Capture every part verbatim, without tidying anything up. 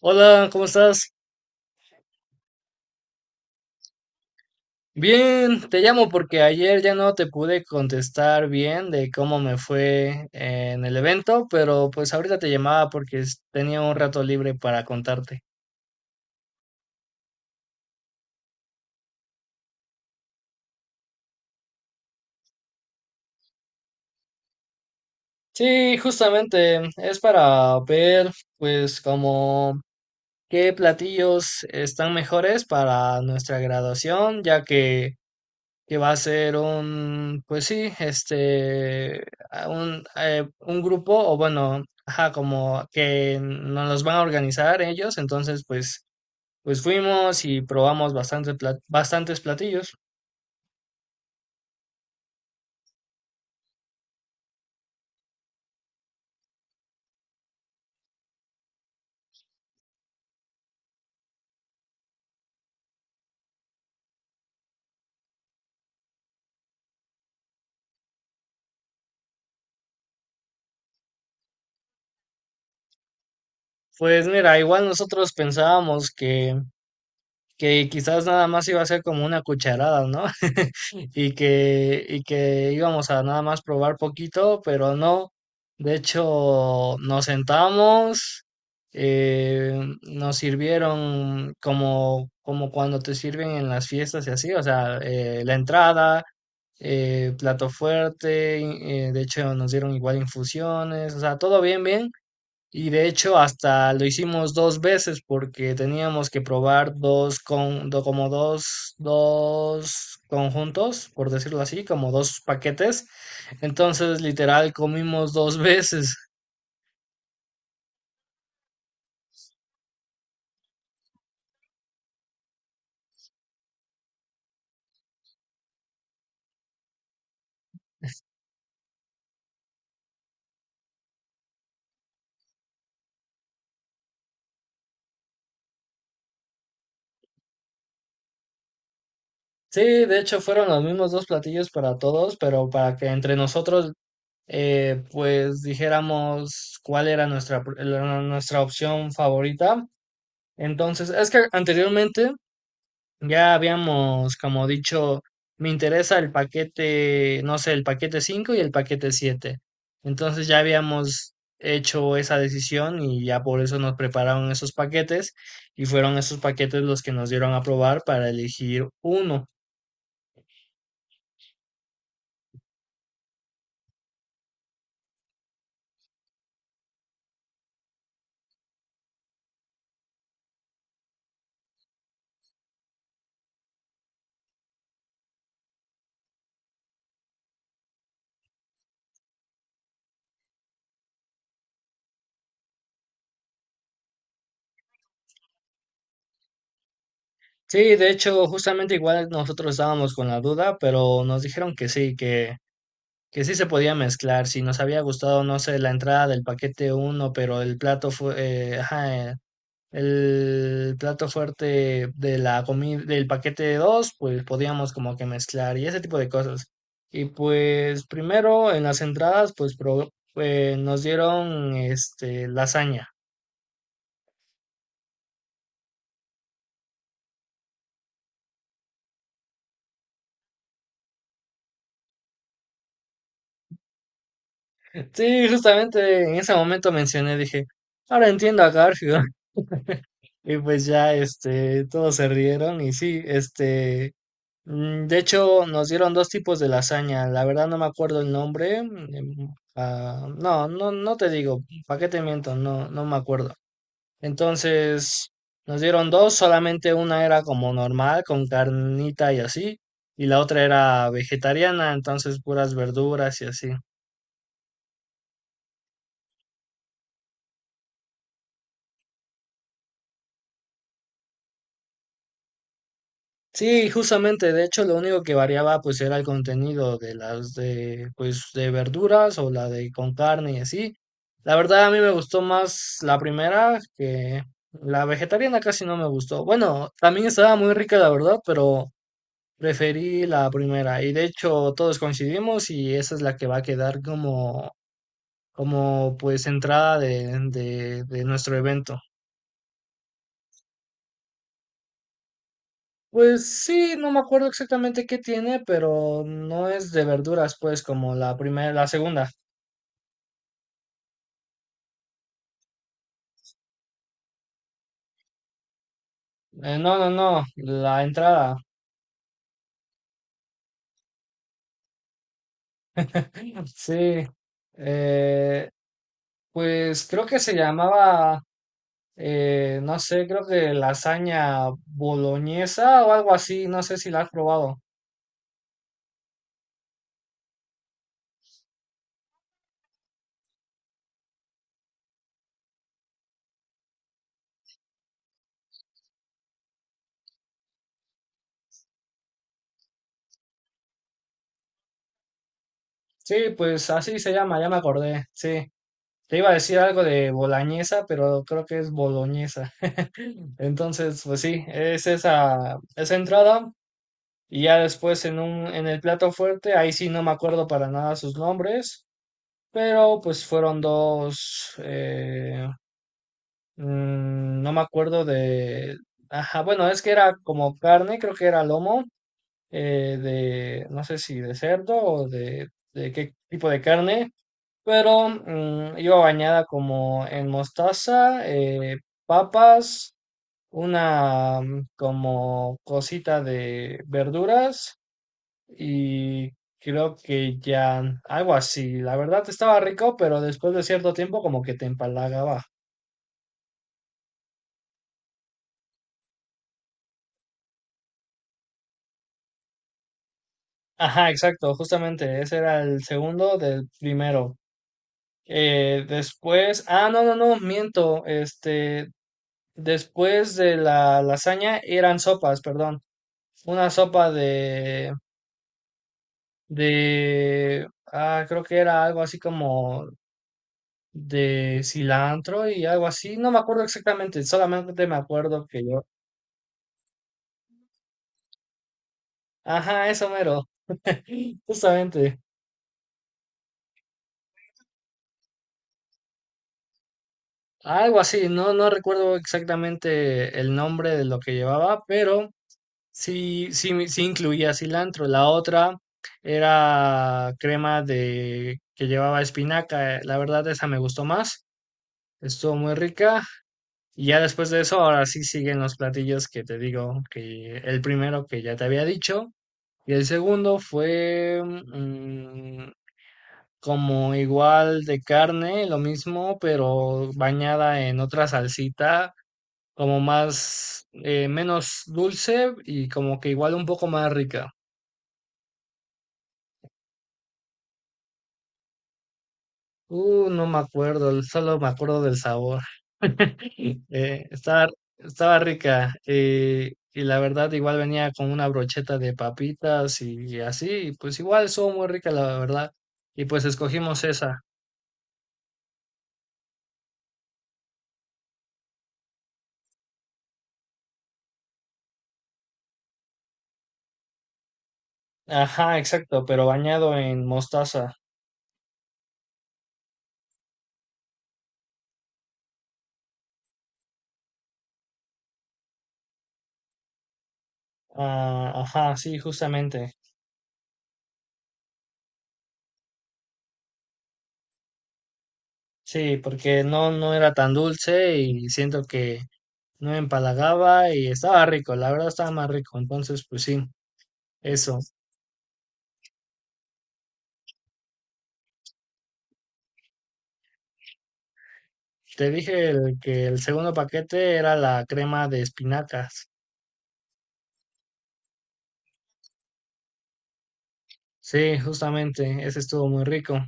Hola, ¿cómo estás? Bien, te llamo porque ayer ya no te pude contestar bien de cómo me fue en el evento, pero pues ahorita te llamaba porque es- tenía un rato libre para contarte. Sí, justamente es para ver pues como qué platillos están mejores para nuestra graduación, ya que que va a ser un, pues sí, este, a un, eh, un grupo, o bueno, ajá, como que nos los van a organizar ellos, entonces pues, pues fuimos y probamos bastante plat- bastantes platillos. Pues mira, igual nosotros pensábamos que, que quizás nada más iba a ser como una cucharada, ¿no? Y que, y que íbamos a nada más probar poquito, pero no. De hecho, nos sentamos, eh, nos sirvieron como, como cuando te sirven en las fiestas y así, o sea, eh, la entrada, eh, plato fuerte, y, eh, de hecho nos dieron igual infusiones, o sea, todo bien, bien. Y de hecho hasta lo hicimos dos veces porque teníamos que probar dos con do- como dos, dos conjuntos, por decirlo así, como dos paquetes. Entonces, literal, comimos dos veces. Sí, de hecho fueron los mismos dos platillos para todos, pero para que entre nosotros eh, pues dijéramos cuál era nuestra, pr- la- nuestra opción favorita. Entonces, es que anteriormente ya habíamos, como dicho, me interesa el paquete, no sé, el paquete cinco y el paquete siete. Entonces ya habíamos hecho esa decisión y ya por eso nos prepararon esos paquetes y fueron esos paquetes los que nos dieron a probar para elegir uno. Sí, de hecho, justamente igual nosotros estábamos con la duda, pero nos dijeron que sí, que, que sí se podía mezclar. Si nos había gustado, no sé, la entrada del paquete uno pero el plato fue, eh, ajá, eh, el plato fuerte de la comida, del paquete de dos, pues podíamos como que mezclar y ese tipo de cosas. Y pues primero en las entradas, pues, pro- eh, nos dieron este lasaña. Sí, justamente en ese momento mencioné, dije, ahora entiendo a Garfield. Y pues ya este todos se rieron y sí, este. Mm, De hecho, nos dieron dos tipos de lasaña. La verdad no me acuerdo el nombre. mm, ah, no, no, no te digo. ¿Para qué te miento? No, no me acuerdo. Entonces, nos dieron dos. Solamente una era como normal, con carnita y así. Y la otra era vegetariana, entonces puras verduras y así. Sí, justamente, de hecho lo único que variaba pues era el contenido de las de pues de verduras o la de con carne y así. La verdad a mí me gustó más la primera que la vegetariana casi no me gustó. Bueno, también estaba muy rica la verdad, pero preferí la primera y de hecho todos coincidimos y esa es la que va a quedar como como pues entrada de de de nuestro evento. Pues sí, no me acuerdo exactamente qué tiene, pero no es de verduras, pues, como la primera, la segunda. Eh, no, no, no, la entrada. Sí. Eh, pues creo que se llamaba, eh, no sé, creo que lasaña boloñesa o algo así, no sé si la has probado. Sí, pues así se llama, ya me acordé. Sí. Te iba a decir algo de boloñesa, pero creo que es boloñesa. Entonces, pues sí, es esa, esa entrada. Y ya después en un, en el plato fuerte, ahí sí no me acuerdo para nada sus nombres, pero pues fueron dos, eh, mm, no me acuerdo de, ajá, bueno, es que era como carne, creo que era lomo, eh, de, no sé si de cerdo o de, de qué tipo de carne, pero mm, iba bañada como en mostaza, eh, papas, una mm, como cosita de verduras y creo que ya algo así. La verdad estaba rico, pero después de cierto tiempo como que te empalagaba. Ajá, exacto, justamente ese era el segundo del primero. Eh, después, ah, no, no, no, miento, este, después de la lasaña eran sopas, perdón, una sopa de, de, ah, creo que era algo así como de cilantro y algo así, no me acuerdo exactamente, solamente me acuerdo que yo. Ajá, eso mero, justamente. Algo así, no, no recuerdo exactamente el nombre de lo que llevaba, pero sí, sí, me- sí incluía cilantro. La otra era crema de que llevaba espinaca. eh, La verdad, esa me gustó más. Estuvo muy rica. Y ya después de eso, ahora sí siguen los platillos que te digo, que el primero que ya te había dicho. Y el segundo fue, mm, como igual de carne, lo mismo, pero bañada en otra salsita, como más, eh, menos dulce y como que igual un poco más rica. Uh, no me acuerdo, solo me acuerdo del sabor. Eh, estaba, estaba rica eh, y la verdad igual venía con una brocheta de papitas y, y así, y pues igual estuvo muy rica la verdad. Y pues escogimos esa. Ajá, exacto, pero bañado en mostaza. Ah, ajá, sí, justamente. Sí, porque no, no era tan dulce y siento que no me empalagaba y estaba rico, la verdad estaba más rico. Entonces, pues sí, eso. Te dije el- que el segundo paquete era la crema de espinacas. Sí, justamente, ese estuvo muy rico.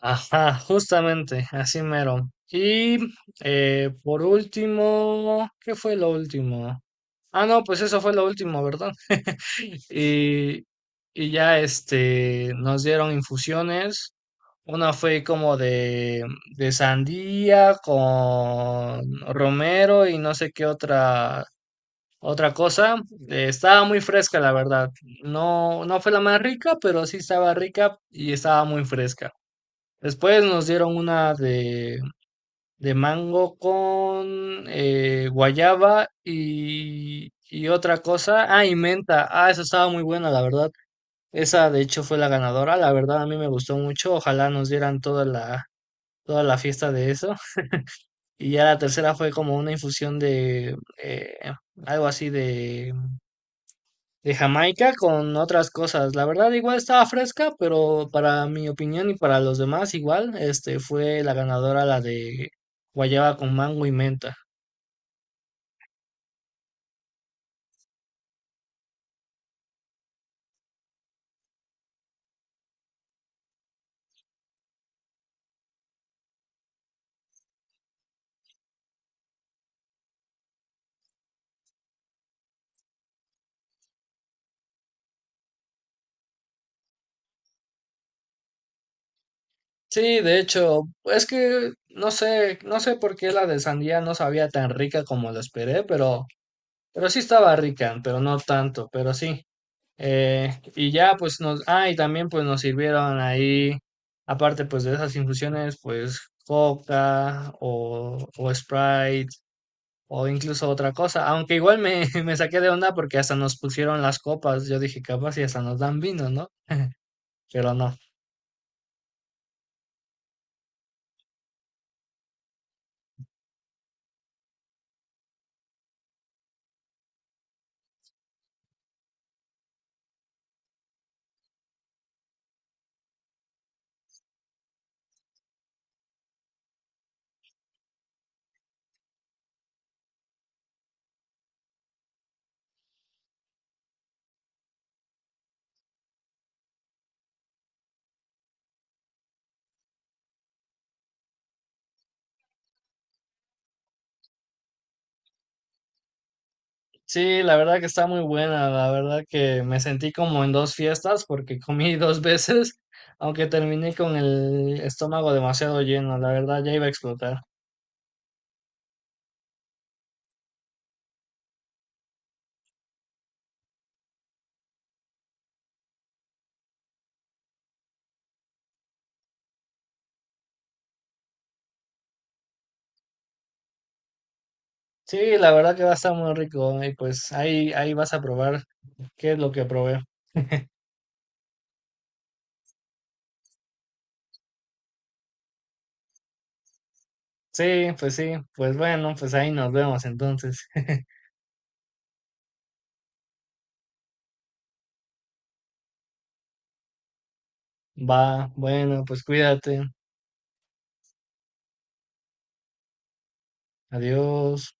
Ajá, justamente, así mero. Y eh, por último, ¿qué fue lo último? Ah, no, pues eso fue lo último, ¿verdad? Y, y ya este, nos dieron infusiones. Una fue como de, de sandía con romero y no sé qué otra, otra cosa. Eh, estaba muy fresca, la verdad. No, no fue la más rica, pero sí estaba rica y estaba muy fresca. Después nos dieron una de, de mango con eh, guayaba y, y otra cosa. Ah, y menta. Ah, eso estaba muy buena, la verdad. Esa de hecho fue la ganadora, la verdad a mí me gustó mucho, ojalá nos dieran toda la, toda la fiesta de eso. Y ya la tercera fue como una infusión de eh, algo así de, de Jamaica con otras cosas. La verdad igual estaba fresca, pero para mi opinión y para los demás igual, este fue la ganadora la de guayaba con mango y menta. Sí, de hecho, es que no sé, no sé por qué la de sandía no sabía tan rica como la esperé, pero Pero sí estaba rica, pero no tanto, pero sí. Eh, y ya pues nos, ah, y también pues nos sirvieron ahí, aparte pues de esas infusiones, pues coca o, o Sprite o incluso otra cosa, aunque igual me, me saqué de onda porque hasta nos pusieron las copas, yo dije capaz y hasta nos dan vino, ¿no? Pero no. Sí, la verdad que está muy buena, la verdad que me sentí como en dos fiestas porque comí dos veces, aunque terminé con el estómago demasiado lleno, la verdad ya iba a explotar. Sí, la verdad que va a estar muy rico y pues ahí, ahí vas a probar qué es lo que probé. Sí, pues sí, pues bueno, pues ahí nos vemos entonces. Va, bueno, pues cuídate, adiós.